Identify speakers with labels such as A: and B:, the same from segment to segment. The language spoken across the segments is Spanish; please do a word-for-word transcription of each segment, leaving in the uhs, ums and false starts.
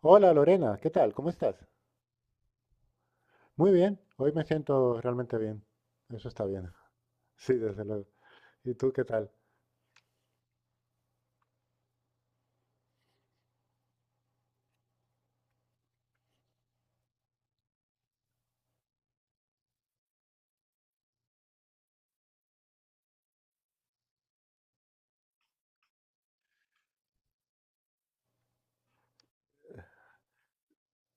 A: Hola Lorena, ¿qué tal? ¿Cómo estás? Muy bien, hoy me siento realmente bien. Eso está bien. Sí, desde luego. ¿Y tú qué tal?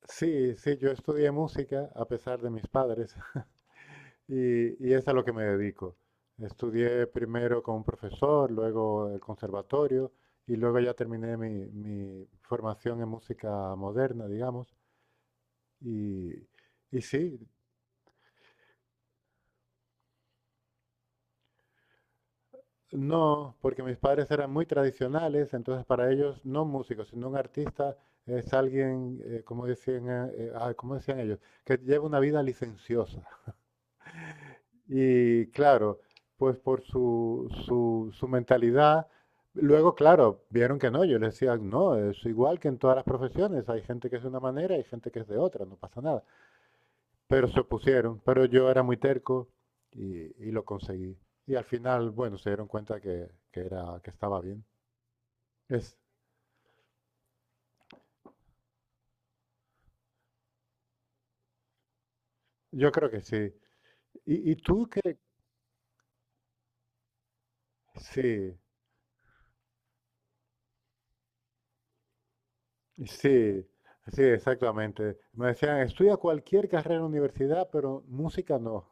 A: Sí, sí, yo estudié música a pesar de mis padres. y, y es a lo que me dedico. Estudié primero con un profesor, luego el conservatorio y luego ya terminé mi, mi formación en música moderna, digamos. Y, y sí. No, porque mis padres eran muy tradicionales, entonces para ellos no un músico, sino un artista es alguien, eh, como decían, eh, eh, ah, ¿cómo decían ellos, que lleva una vida licenciosa? Y claro, pues por su, su, su mentalidad, luego claro, vieron que no, yo les decía, no, es igual que en todas las profesiones, hay gente que es de una manera y gente que es de otra, no pasa nada. Pero se opusieron, pero yo era muy terco y, y lo conseguí. Y al final, bueno, se dieron cuenta que, que era, que estaba bien. Es, yo creo que sí. ¿Y, y tú qué? Sí, sí, sí, exactamente. Me decían, estudia cualquier carrera en la universidad, pero música no.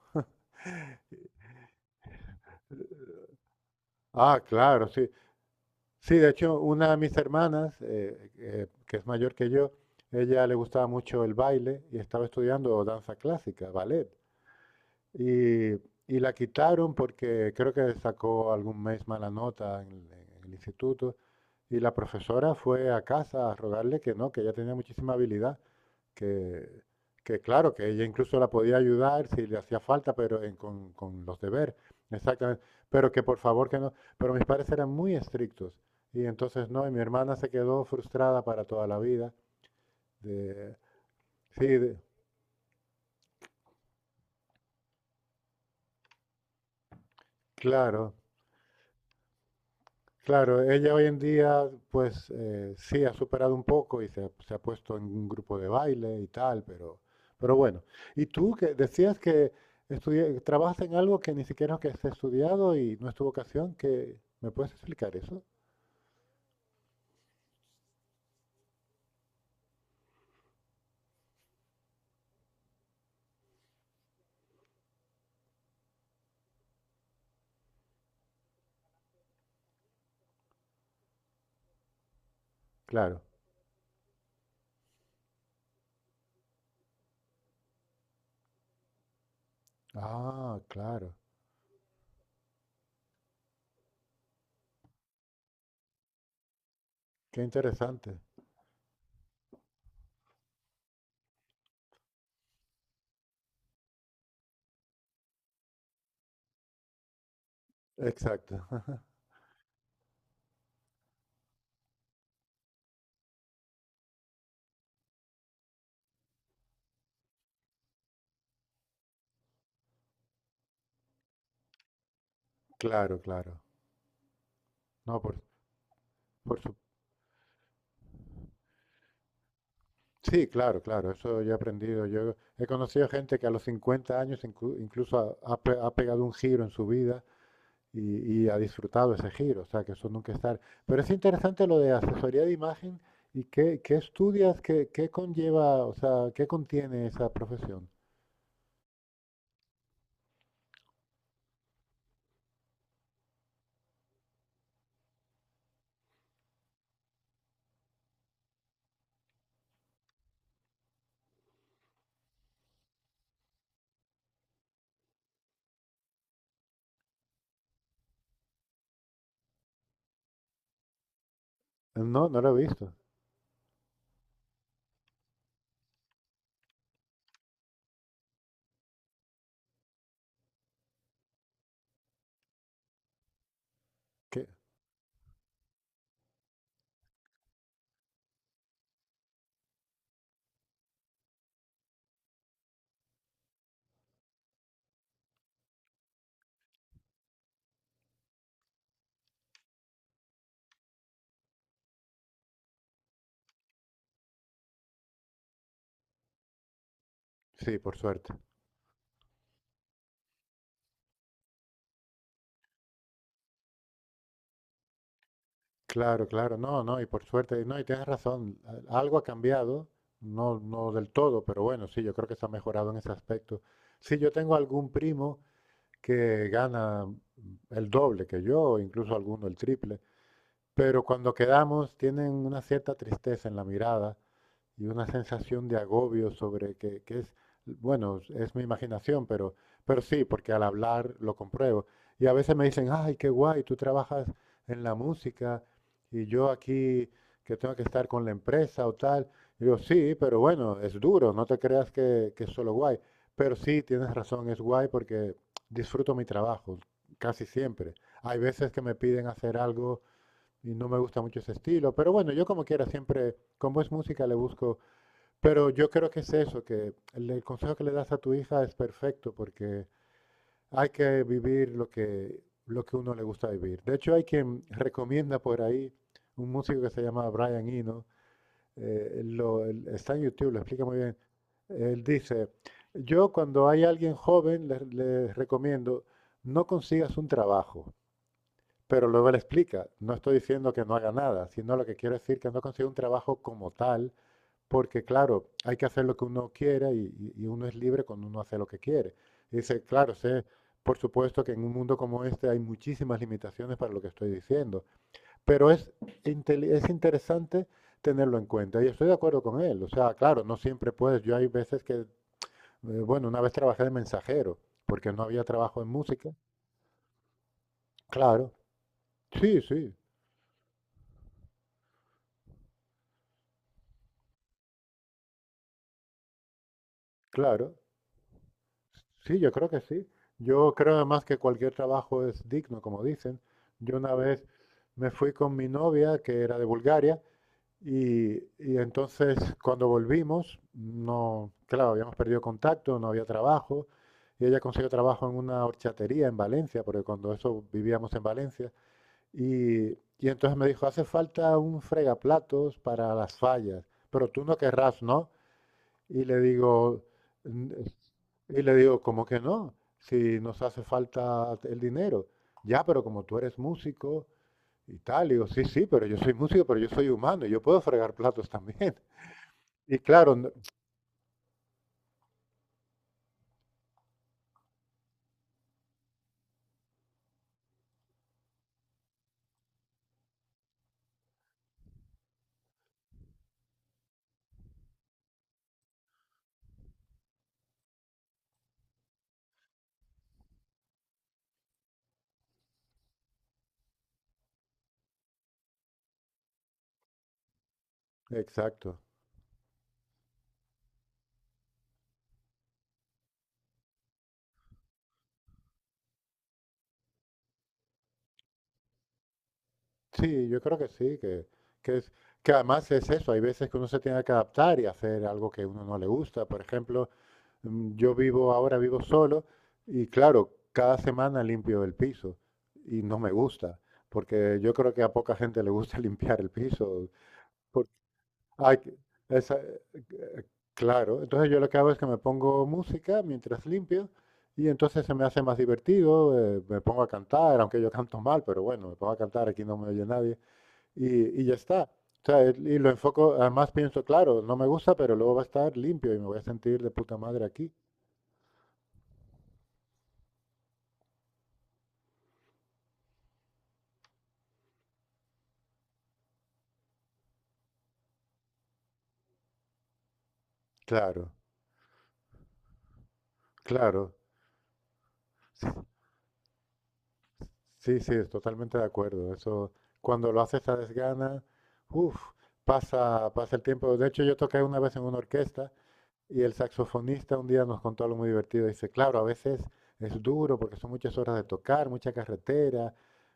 A: Ah, claro, sí. Sí, de hecho, una de mis hermanas, eh, eh, que es mayor que yo, ella le gustaba mucho el baile y estaba estudiando danza clásica, ballet. Y, y la quitaron porque creo que sacó algún mes mala nota en el, en el instituto. Y la profesora fue a casa a rogarle que no, que ella tenía muchísima habilidad, que, que claro, que ella incluso la podía ayudar si le hacía falta, pero en- con, con los deberes, exactamente, pero que por favor que no, pero mis padres eran muy estrictos y entonces no, y mi hermana se quedó frustrada para toda la vida, de, sí, de- claro. Claro, ella hoy en día, pues eh, sí, ha superado un poco y se ha, se ha puesto en un grupo de baile y tal, pero, pero bueno. Y tú que decías que estudi- trabajas en algo que ni siquiera que has estudiado y no es tu vocación, ¿qué? ¿Me puedes explicar eso? Claro. Ah, claro. Qué interesante. Exacto. Claro, claro. No, por, por su- Sí, claro, claro. Eso yo he aprendido. Yo he conocido gente que a los cincuenta años inclu- incluso ha, ha pe- ha pegado un giro en su vida y, y ha disfrutado ese giro, o sea, que eso nunca estar. Pero es interesante lo de asesoría de imagen y qué, qué estudias, qué, qué conlleva, o sea, qué contiene esa profesión. No, no lo he visto. ¿Qué? Sí, por suerte. Claro, claro, no, no, y por suerte, no, y tienes razón, a- algo ha cambiado, no, no del todo, pero bueno, sí, yo creo que se ha mejorado en ese aspecto. Sí, yo tengo algún primo que gana el doble que yo, incluso alguno el triple. Pero cuando quedamos, tienen una cierta tristeza en la mirada y una sensación de agobio sobre que, que es, bueno, es mi imaginación, pero, pero sí, porque al hablar lo compruebo. Y a veces me dicen, ay, qué guay, tú trabajas en la música y yo aquí que tengo que estar con la empresa o tal. Y yo, sí, pero bueno, es duro, no te creas que, que es solo guay. Pero sí, tienes razón, es guay porque disfruto mi trabajo casi siempre. Hay veces que me piden hacer algo y no me gusta mucho ese estilo, pero bueno, yo como quiera siempre, como es música, le busco, pero yo creo que es eso, que el, el consejo que le das a tu hija es perfecto porque hay que vivir lo que, lo que uno le gusta vivir. De hecho, hay quien recomienda por ahí un músico que se llama Brian Eno, eh, lo- él está en YouTube, lo explica muy bien. Él dice, yo cuando hay alguien joven, le le recomiendo, no consigas un trabajo. Pero luego le explica, no estoy diciendo que no haga nada, sino lo que quiero decir que no consigue un trabajo como tal, porque claro, hay que hacer lo que uno quiera y, y- y uno es libre cuando uno hace lo que quiere. Y dice, claro, sé, por supuesto que en un mundo como este hay muchísimas limitaciones para lo que estoy diciendo, pero es, inteli- es interesante tenerlo en cuenta y estoy de acuerdo con él. O sea, claro, no siempre puedes. Yo hay veces que, eh, bueno, una vez trabajé de mensajero, porque no había trabajo en música. Claro, sí, sí, claro. Sí, yo creo que sí. Yo creo además que cualquier trabajo es digno, como dicen. Yo una vez me fui con mi novia, que era de Bulgaria, y, y entonces cuando volvimos, no, claro, habíamos perdido contacto, no había trabajo, y ella consiguió trabajo en una horchatería en Valencia, porque cuando eso vivíamos en Valencia, y, y entonces me dijo, hace falta un fregaplatos para las fallas, pero tú no querrás, ¿no? Y le digo, "N- eh, y le digo, ¿cómo que no? Si nos hace falta el dinero. Ya, pero como tú eres músico y tal, digo, sí, sí, pero yo soy músico, pero yo soy humano y yo puedo fregar platos también. Y claro, no- exacto. Sí, yo creo que sí, que, que es, que además es eso, hay veces que uno se tiene que adaptar y hacer algo que uno no le gusta. Por ejemplo, mm, yo vivo ahora, vivo solo y claro, cada semana limpio el piso y no me gusta, porque yo creo que a poca gente le gusta limpiar el piso. por- ay, que- esa- eh, eh, claro, entonces yo lo que hago es que me pongo música mientras limpio y entonces se me hace más divertido, eh, me pongo a cantar, aunque yo canto mal, pero bueno, me pongo a cantar, aquí no me oye nadie y, y ya está. O sea, el- y lo enfoco, además pienso, claro, no me gusta, pero luego va a estar limpio y me voy a sentir de puta madre aquí. Claro, claro. Sí, sí, es totalmente de acuerdo. Eso, cuando lo haces a desgana, uff, pasa, pasa el tiempo. De hecho, yo toqué una vez en una orquesta. Y el saxofonista un día nos contó algo muy divertido. Dice, claro, a veces es duro porque son muchas horas de tocar, mucha carretera,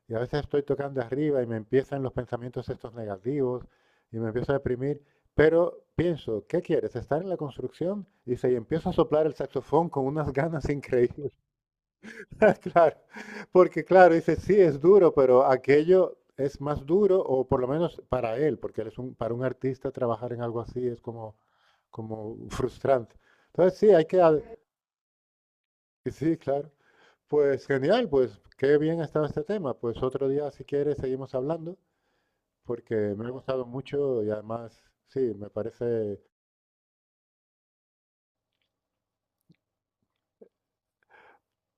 A: y a veces estoy tocando arriba y me empiezan los pensamientos estos negativos y me empiezo a deprimir, pero pienso, ¿qué quieres? ¿Estar en la construcción? Dice, y empiezo a soplar el saxofón con unas ganas increíbles. Claro, porque claro, dice, sí, es duro, pero aquello es más duro, o por lo menos para él, porque él es un, para un artista trabajar en algo así es como, como frustrante. Entonces, sí, hay que... ad- Sí, claro. Pues genial, pues qué bien ha estado este tema. Pues otro día, si quieres, seguimos hablando, porque me ha gustado mucho y además, sí, me parece...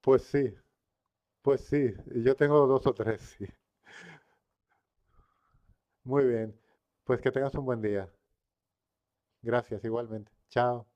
A: Pues sí, pues sí, yo tengo dos o tres, sí. Muy bien, pues que tengas un buen día. Gracias, igualmente. Chao.